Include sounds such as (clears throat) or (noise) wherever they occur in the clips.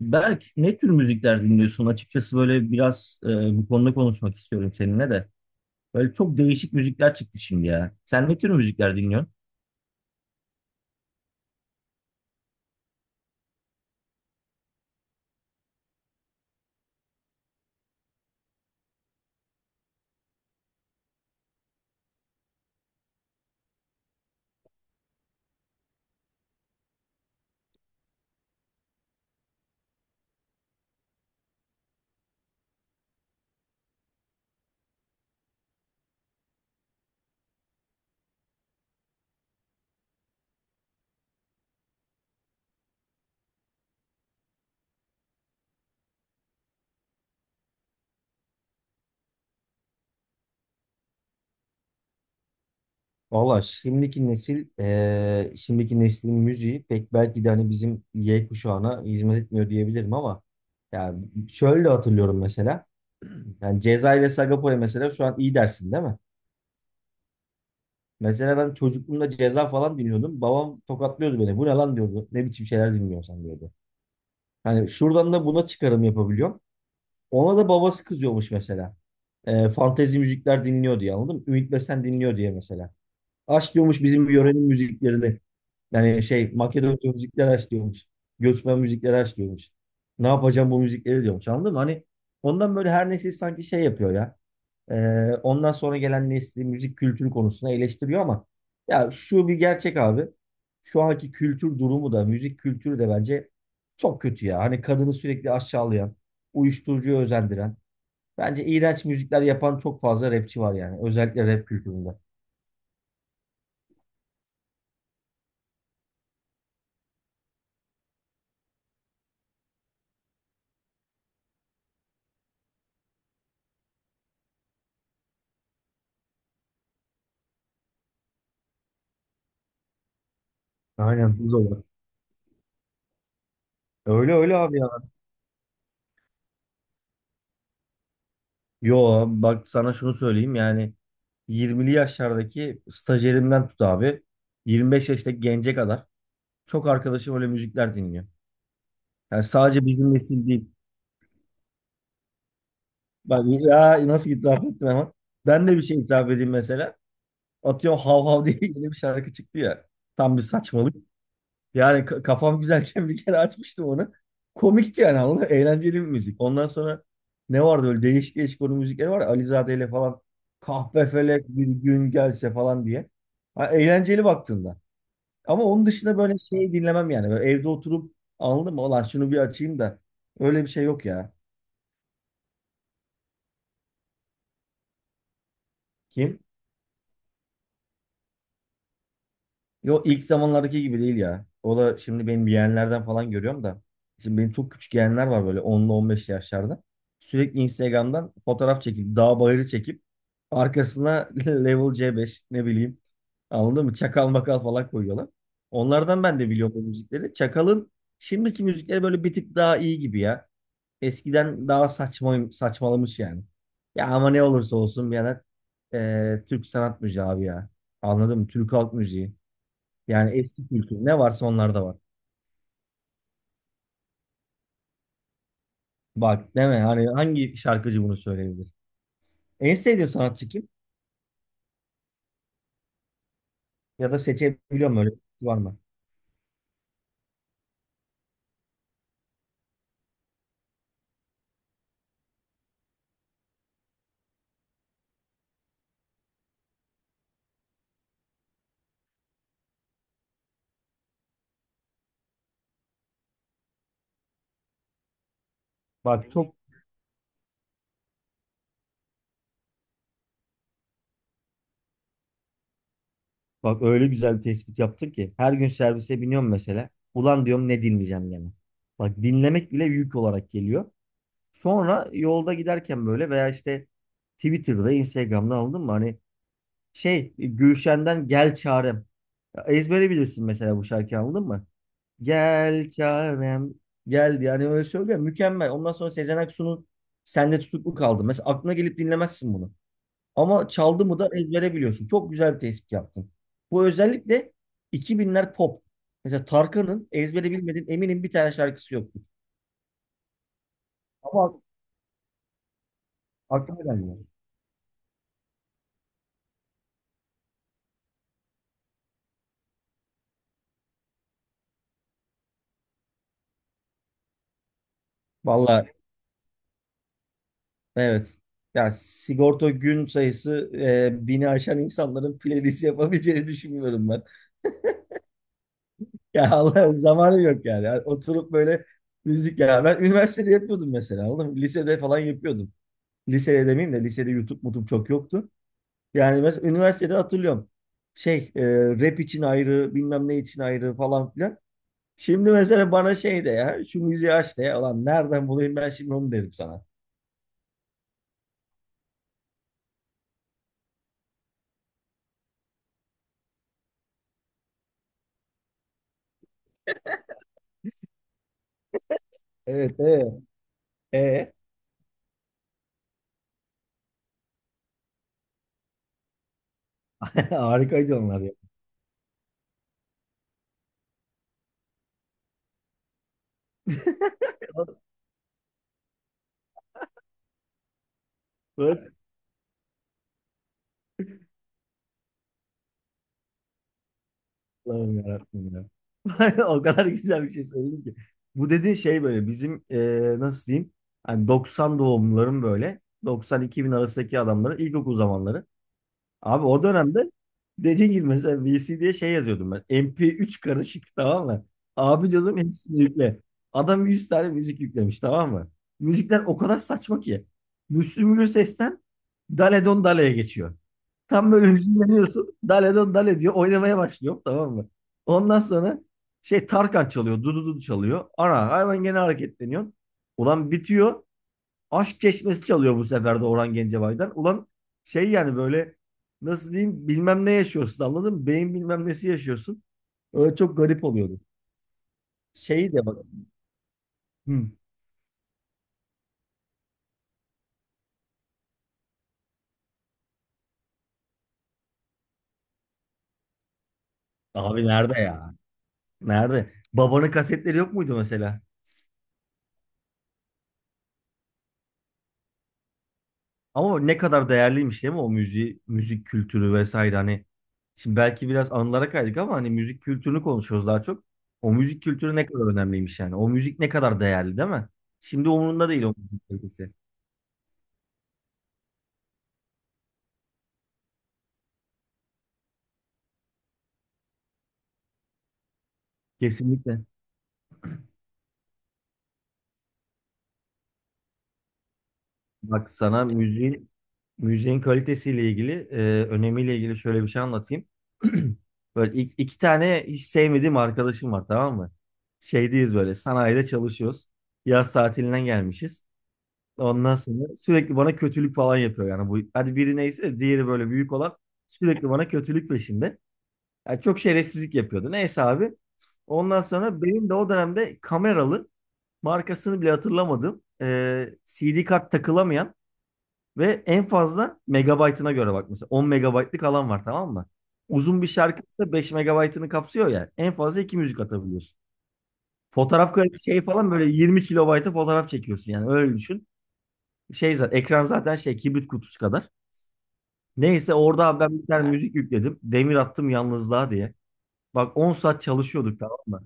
Berk, ne tür müzikler dinliyorsun? Açıkçası böyle biraz bu konuda konuşmak istiyorum seninle de. Böyle çok değişik müzikler çıktı şimdi ya. Sen ne tür müzikler dinliyorsun? Valla şimdiki nesil, şimdiki neslin müziği pek belki de hani bizim Y kuşağına hizmet etmiyor diyebilirim ama yani şöyle hatırlıyorum mesela. Yani Ceza ile Sagopa'ya mesela şu an iyi dersin değil mi? Mesela ben çocukluğumda Ceza falan dinliyordum. Babam tokatlıyordu beni. Bu ne lan diyordu. Ne biçim şeyler dinliyorsan diyordu. Hani şuradan da buna çıkarım yapabiliyorum. Ona da babası kızıyormuş mesela. Fantezi müzikler dinliyor diye anladın mı? Ümit Besen dinliyor diye mesela. Aç diyormuş bizim yörenin müziklerini. Yani şey Makedonca müzikler aç diyormuş. Göçmen müzikleri aç diyormuş. Ne yapacağım bu müzikleri diyormuş anladın mı? Hani ondan böyle her neyse sanki şey yapıyor ya. Ee, Ondan sonra gelen nesli müzik kültürü konusunda eleştiriyor ama ya şu bir gerçek abi. Şu anki kültür durumu da müzik kültürü de bence çok kötü ya. Hani kadını sürekli aşağılayan, uyuşturucuya özendiren, bence iğrenç müzikler yapan çok fazla rapçi var yani. Özellikle rap kültüründe. Aynen hız olarak. Öyle öyle abi ya. Yo bak sana şunu söyleyeyim yani 20'li yaşlardaki stajyerimden tut abi 25 yaştaki gence kadar çok arkadaşım öyle müzikler dinliyor. Yani sadece bizim nesil değil. Bak ya nasıl itiraf ettim ama. Ben de bir şey itiraf edeyim mesela. Atıyorum hav hav diye (laughs) yeni bir şarkı çıktı ya. Tam bir saçmalık. Yani kafam güzelken bir kere açmıştım onu. Komikti yani anladın mı? Eğlenceli bir müzik. Ondan sonra ne vardı öyle değişik değişik onun müzikleri var ya. Alizade ile falan. Kahpefelek bir gün gelse falan diye. Ha, eğlenceli baktığında. Ama onun dışında böyle şey dinlemem yani. Böyle evde oturup anladın mı? Ulan şunu bir açayım da. Öyle bir şey yok ya. Kim? Yo ilk zamanlardaki gibi değil ya. O da şimdi benim yeğenlerden falan görüyorum da. Şimdi benim çok küçük yeğenler var böyle onlu 15 yaşlarda. Sürekli Instagram'dan fotoğraf çekip, dağ bayırı çekip arkasına (laughs) level C5 ne bileyim. Anladın mı? Çakal makal falan koyuyorlar. Onlardan ben de biliyorum bu müzikleri. Çakal'ın şimdiki müzikleri böyle bir tık daha iyi gibi ya. Eskiden daha saçma, saçmalamış yani. Ya ama ne olursa olsun birader Türk sanat müziği abi ya. Anladın mı? Türk halk müziği. Yani eski kültür ne varsa onlarda var. Bak deme hani hangi şarkıcı bunu söyleyebilir? En sevdiğin sanatçı kim? Ya da seçebiliyor mu öyle bir şey var mı? Bak çok Bak öyle güzel bir tespit yaptın ki her gün servise biniyorum mesela. Ulan diyorum ne dinleyeceğim gene. Bak dinlemek bile yük olarak geliyor. Sonra yolda giderken böyle veya işte Twitter'da, Instagram'da anladın mı? Hani şey Gülşen'den Gel Çarem. Ya Ezbere bilirsin mesela bu şarkıyı anladın mı? Gel çarem geldi. Yani öyle söylüyor. Mükemmel. Ondan sonra Sezen Aksu'nun Sende Tutuklu kaldı. Mesela aklına gelip dinlemezsin bunu. Ama çaldı mı da ezbere biliyorsun. Çok güzel bir tespit yaptın. Bu özellikle 2000'ler pop. Mesela Tarkan'ın ezbere bilmediğin eminim bir tane şarkısı yoktu. Ama aklıma gelmiyor. Vallahi evet. Ya sigorta gün sayısı 1000'i aşan insanların playlist yapabileceğini düşünmüyorum ben. Ya Allah zamanı yok yani. Yani Oturup böyle müzik ya. Ben üniversitede yapıyordum mesela. Oğlum lisede falan yapıyordum. Lisede demeyeyim de lisede YouTube mutum çok yoktu. Yani mesela üniversitede hatırlıyorum. Şey e, Rap için ayrı bilmem ne için ayrı falan filan. Şimdi mesela bana şey de ya şu müziği aç de ya. Ulan nereden bulayım ben şimdi onu derim sana. Evet evet. E (laughs) harikaydı onlar ya. (laughs) Allah'ım yarabbim ya. (laughs) O kadar güzel bir şey söyledin ki. Bu dediğin şey böyle bizim nasıl diyeyim? Hani 90 doğumluların böyle 90-2000 arasındaki adamların ilkokul zamanları. Abi o dönemde dediğin gibi mesela VC diye şey yazıyordum ben. MP3 karışık tamam mı? Abi diyordum hepsini yükle. Adam 100 tane müzik yüklemiş tamam mı? Müzikler o kadar saçma ki. Müslüm Gürses'ten Dale Don Dale'ye geçiyor. Tam böyle hüzünleniyorsun. Dale don dale diyor. Oynamaya başlıyor tamam mı? Ondan sonra şey Tarkan çalıyor. Dududu çalıyor. Ana hayvan gene hareketleniyor. Ulan bitiyor. Aşk Çeşmesi çalıyor bu sefer de Orhan Gencebay'dan. Ulan şey yani böyle nasıl diyeyim bilmem ne yaşıyorsun anladın mı? Beyin bilmem nesi yaşıyorsun. Öyle çok garip oluyordu. Şey de bak. Hı. Abi nerede ya? Nerede? Babanın kasetleri yok muydu mesela? Ama ne kadar değerliymiş değil mi o müziği, müzik kültürü vesaire hani. Şimdi belki biraz anılara kaydık ama hani müzik kültürünü konuşuyoruz daha çok. O müzik kültürü ne kadar önemliymiş yani. O müzik ne kadar değerli değil mi? Şimdi umurunda değil o müzik kalitesi. Kesinlikle. Bak sana müziğin kalitesiyle ilgili, önemiyle ilgili şöyle bir şey anlatayım. (clears throat) Böyle iki tane hiç sevmediğim arkadaşım var tamam mı? Şeydeyiz böyle sanayide çalışıyoruz. Yaz tatilinden gelmişiz. Ondan sonra sürekli bana kötülük falan yapıyor yani bu. Hadi biri neyse diğeri böyle büyük olan sürekli bana kötülük peşinde. Yani çok şerefsizlik yapıyordu. Neyse abi. Ondan sonra benim de o dönemde kameralı markasını bile hatırlamadım. CD kart takılamayan ve en fazla megabaytına göre bak mesela 10 megabaytlık alan var tamam mı? Uzun bir şarkıysa 5 megabaytını kapsıyor ya. En fazla 2 müzik atabiliyorsun. Fotoğraf kayıt şey falan böyle 20 kilobayta fotoğraf çekiyorsun yani öyle düşün. Şey zaten ekran zaten şey kibrit kutusu kadar. Neyse orada abi ben bir tane müzik yükledim. Demir attım yalnızlığa diye. Bak 10 saat çalışıyorduk tamam mı?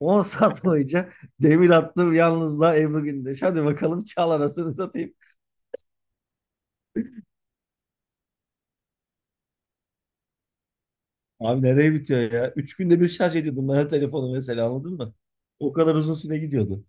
10 saat boyunca demir attım yalnızlığa Ebru Gündeş. Hadi bakalım çal arasını satayım. Abi nereye bitiyor ya? 3 günde bir şarj ediyordum ben o telefonu mesela anladın mı? O kadar uzun süre gidiyordu.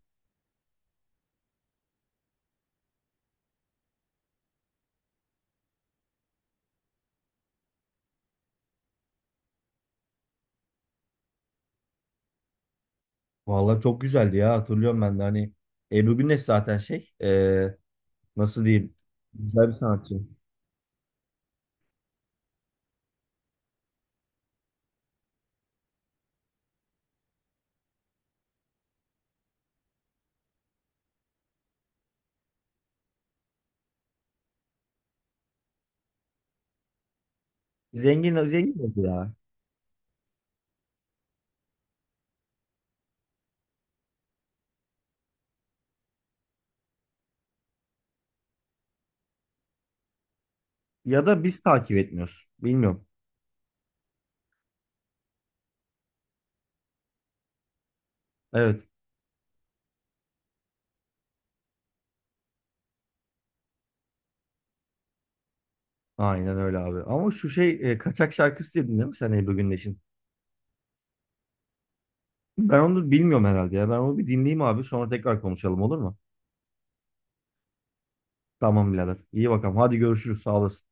Vallahi çok güzeldi ya hatırlıyorum ben de hani Ebru Güneş zaten şey nasıl diyeyim güzel bir sanatçı. Zengin zengin oldu ya. Ya da biz takip etmiyoruz. Bilmiyorum. Evet. Aynen öyle abi. Ama şu şey kaçak şarkısı dedin değil mi sen Ebru Gündeş'in? Ben onu bilmiyorum herhalde ya. Ben onu bir dinleyeyim abi. Sonra tekrar konuşalım olur mu? Tamam birader. İyi bakalım. Hadi görüşürüz. Sağ olasın.